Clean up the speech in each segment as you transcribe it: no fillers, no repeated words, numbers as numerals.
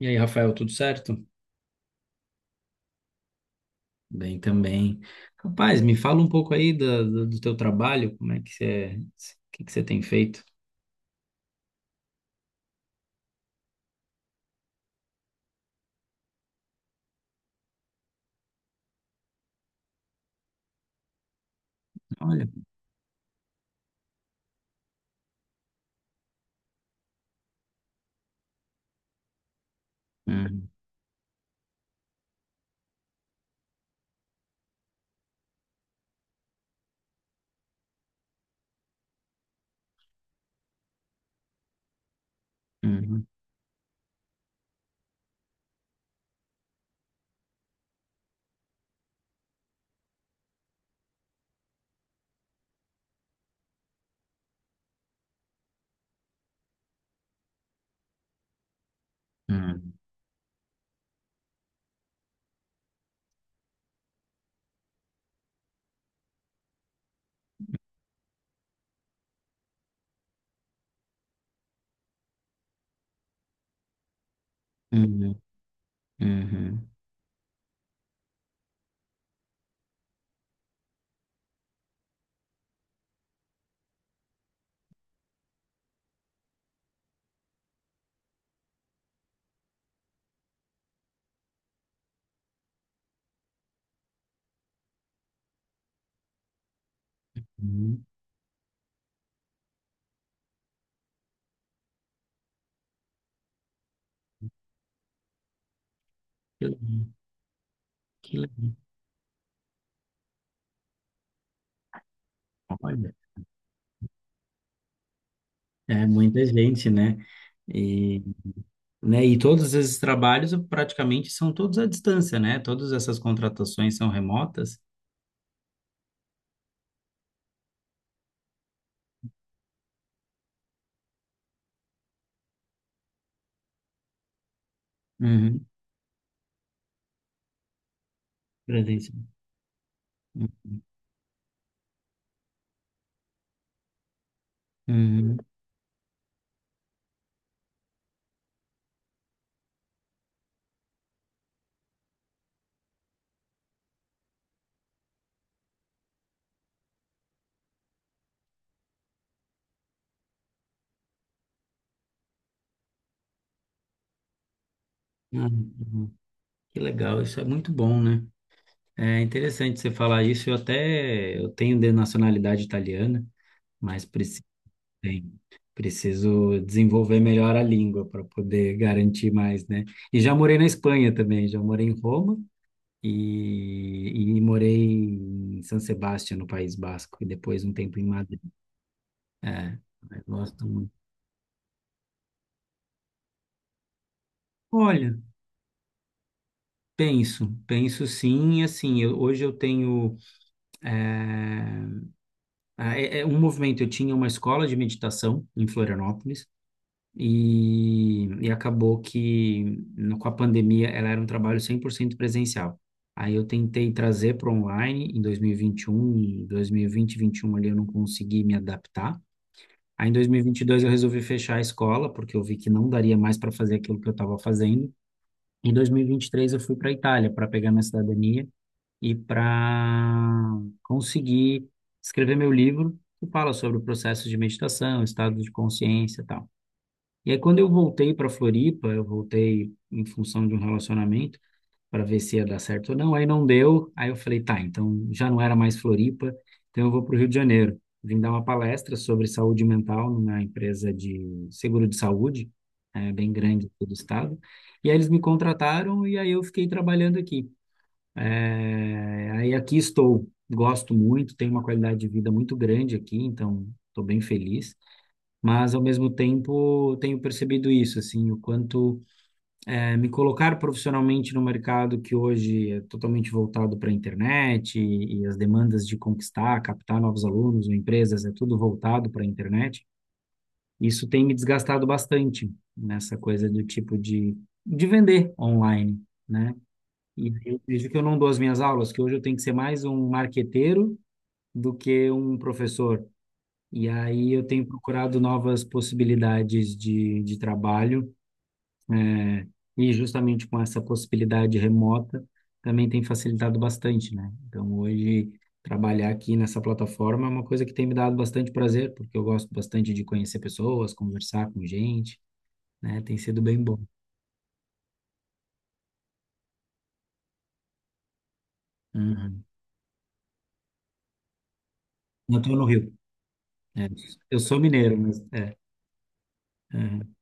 E aí, Rafael, tudo certo? Bem também. Rapaz, me fala um pouco aí do teu trabalho, como é que você, o que você tem feito? Olha. Uhum, uhum, uhum, uhum, uhum, uhum. Que legal, que legal. Olha, é muita gente, né? E, né, e todos esses trabalhos praticamente são todos à distância, né? Todas essas contratações são remotas. Uhum, presencial. Uhum, uhum. Uhum. Que legal, isso é muito bom, né? É interessante você falar isso. Eu até eu tenho de nacionalidade italiana, mas preciso, bem, preciso desenvolver melhor a língua para poder garantir mais, né? E já morei na Espanha também, já morei em Roma e, e morei em San Sebastián, no País Basco, e depois um tempo em Madrid. É, eu gosto muito. Olha, penso, penso sim, e assim, hoje eu tenho é, um movimento. Eu tinha uma escola de meditação em Florianópolis e acabou que com a pandemia ela era um trabalho 100% presencial. Aí eu tentei trazer para online em 2021, 2020, 21 ali eu não consegui me adaptar. Aí em 2022 eu resolvi fechar a escola porque eu vi que não daria mais para fazer aquilo que eu estava fazendo. Em 2023 eu fui para a Itália para pegar minha cidadania e para conseguir escrever meu livro que fala sobre o processo de meditação, estado de consciência e tal. E aí, quando eu voltei para Floripa, eu voltei em função de um relacionamento para ver se ia dar certo ou não. Aí não deu. Aí eu falei, tá, então já não era mais Floripa, então eu vou para o Rio de Janeiro. Vim dar uma palestra sobre saúde mental numa empresa de seguro de saúde, é, bem grande do estado. E aí eles me contrataram e aí eu fiquei trabalhando aqui. É, aí aqui estou. Gosto muito, tenho uma qualidade de vida muito grande aqui, então estou bem feliz. Mas, ao mesmo tempo, tenho percebido isso, assim, o quanto me colocar profissionalmente no mercado que hoje é totalmente voltado para a internet e as demandas de conquistar, captar novos alunos ou empresas, é tudo voltado para a internet. Isso tem me desgastado bastante nessa coisa do tipo de vender online, né? E eu vejo que eu não dou as minhas aulas, que hoje eu tenho que ser mais um marqueteiro do que um professor e aí eu tenho procurado novas possibilidades de trabalho, né? E justamente com essa possibilidade remota também tem facilitado bastante, né? Então hoje trabalhar aqui nessa plataforma é uma coisa que tem me dado bastante prazer, porque eu gosto bastante de conhecer pessoas, conversar com gente, né? Tem sido bem bom. Uhum. Eu estou no Rio. É. Eu sou mineiro, mas é. Uhum.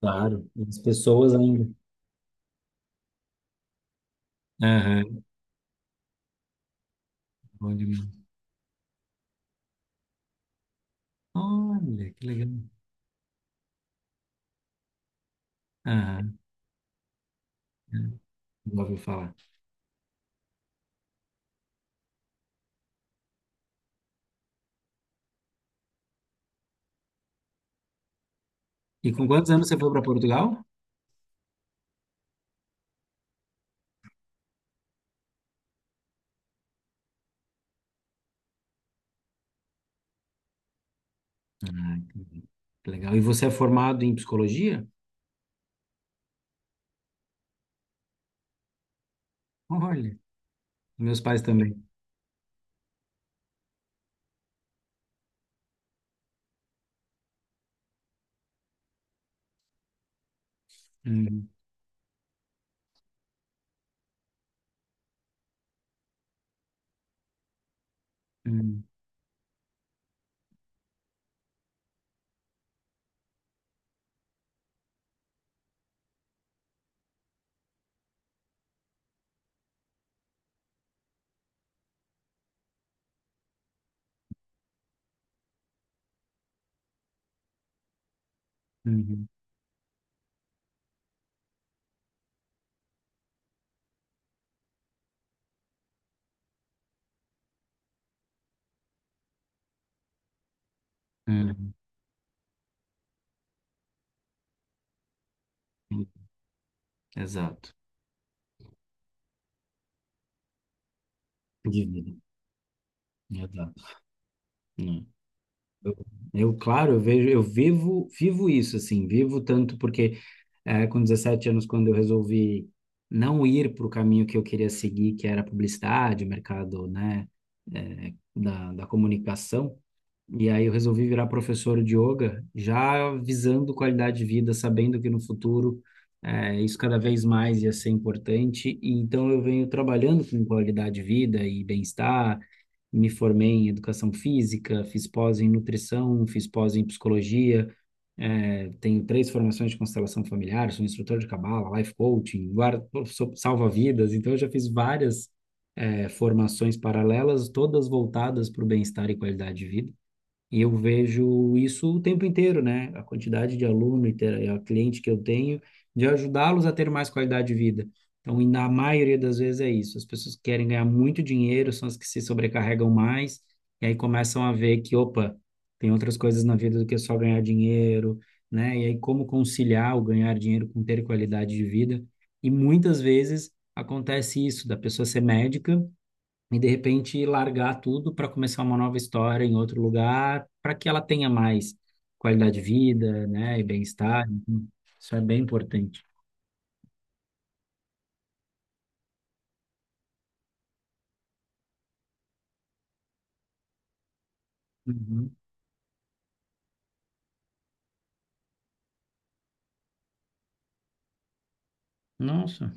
Claro, as pessoas ainda. Aham, bom demais. Olha, que legal. Aham, já ouviu falar. E com quantos anos você foi para Portugal? Ah, que legal. E você é formado em psicologia? Olha, meus pais também. Uhum, uhum, uhum, uhum, uhum. Exato. De vida. Exato. Hum. Eu, claro, eu vejo, vivo isso, assim, vivo tanto porque com 17 anos, quando eu resolvi não ir para o caminho que eu queria seguir, que era a publicidade, o mercado, né, da comunicação, e aí eu resolvi virar professor de yoga, já visando qualidade de vida, sabendo que no futuro isso cada vez mais ia ser importante. E então eu venho trabalhando com qualidade de vida e bem-estar. Me formei em educação física, fiz pós em nutrição, fiz pós em psicologia, tenho três formações de constelação familiar, sou instrutor de cabala, life coaching, guarda, sou salva-vidas. Então eu já fiz várias formações paralelas, todas voltadas para o bem-estar e qualidade de vida. E eu vejo isso o tempo inteiro, né? A quantidade de aluno e a cliente que eu tenho, de ajudá-los a ter mais qualidade de vida. Então, e na maioria das vezes é isso. As pessoas que querem ganhar muito dinheiro, são as que se sobrecarregam mais, e aí começam a ver que, opa, tem outras coisas na vida do que só ganhar dinheiro, né? E aí como conciliar o ganhar dinheiro com ter qualidade de vida. E muitas vezes acontece isso, da pessoa ser médica e de repente largar tudo para começar uma nova história em outro lugar, para que ela tenha mais qualidade de vida, né, e bem-estar. Então, isso é bem importante. Uhum. Nossa.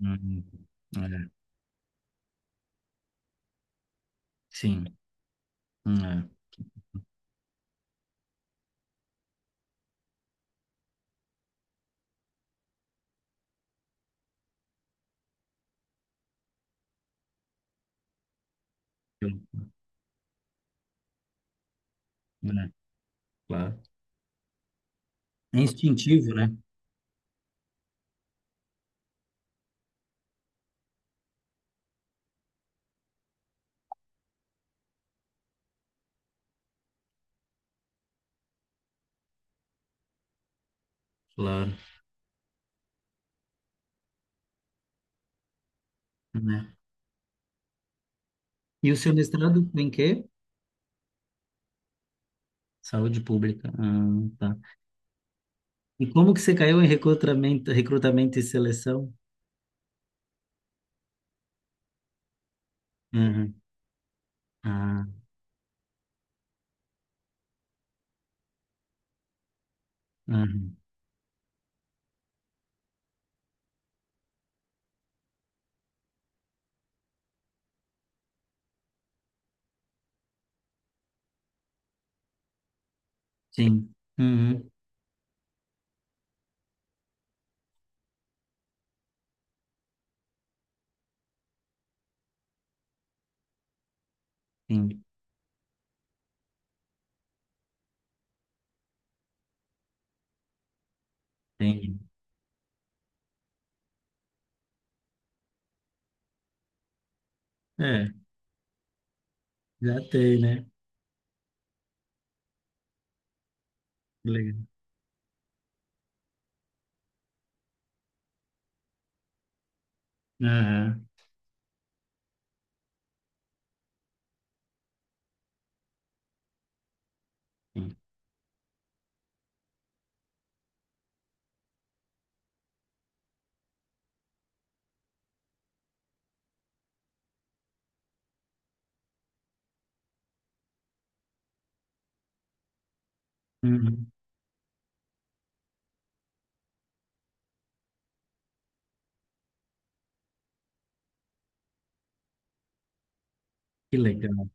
Uhum. É, sim. É. Eu- né, claro. É instintivo, né? Claro. Né? E o seu mestrado tem em quê? Saúde pública. Ah, tá. E como que você caiu em recrutamento, recrutamento e seleção? Uhum. Ah, uhum. Sim. Uhum. Sim. Entendi. É. Já tem, né? Que legal. Aham. Sim. Uhum. Que legal.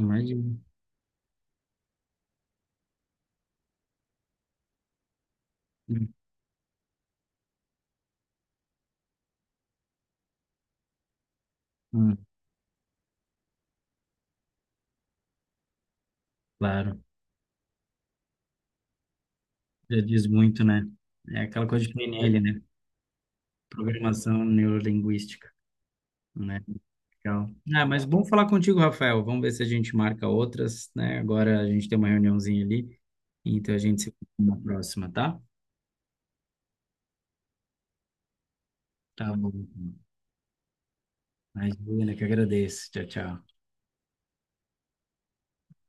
Imagina. Hum, hum, Claro. Já diz muito, né? É aquela coisa de PNL, né? Programação neurolinguística, né? Legal. Ah, mas bom falar contigo, Rafael. Vamos ver se a gente marca outras, né? Agora a gente tem uma reuniãozinha ali, então a gente se vê na próxima, tá? Tá bom. Imagina, que agradeço. Tchau, tchau.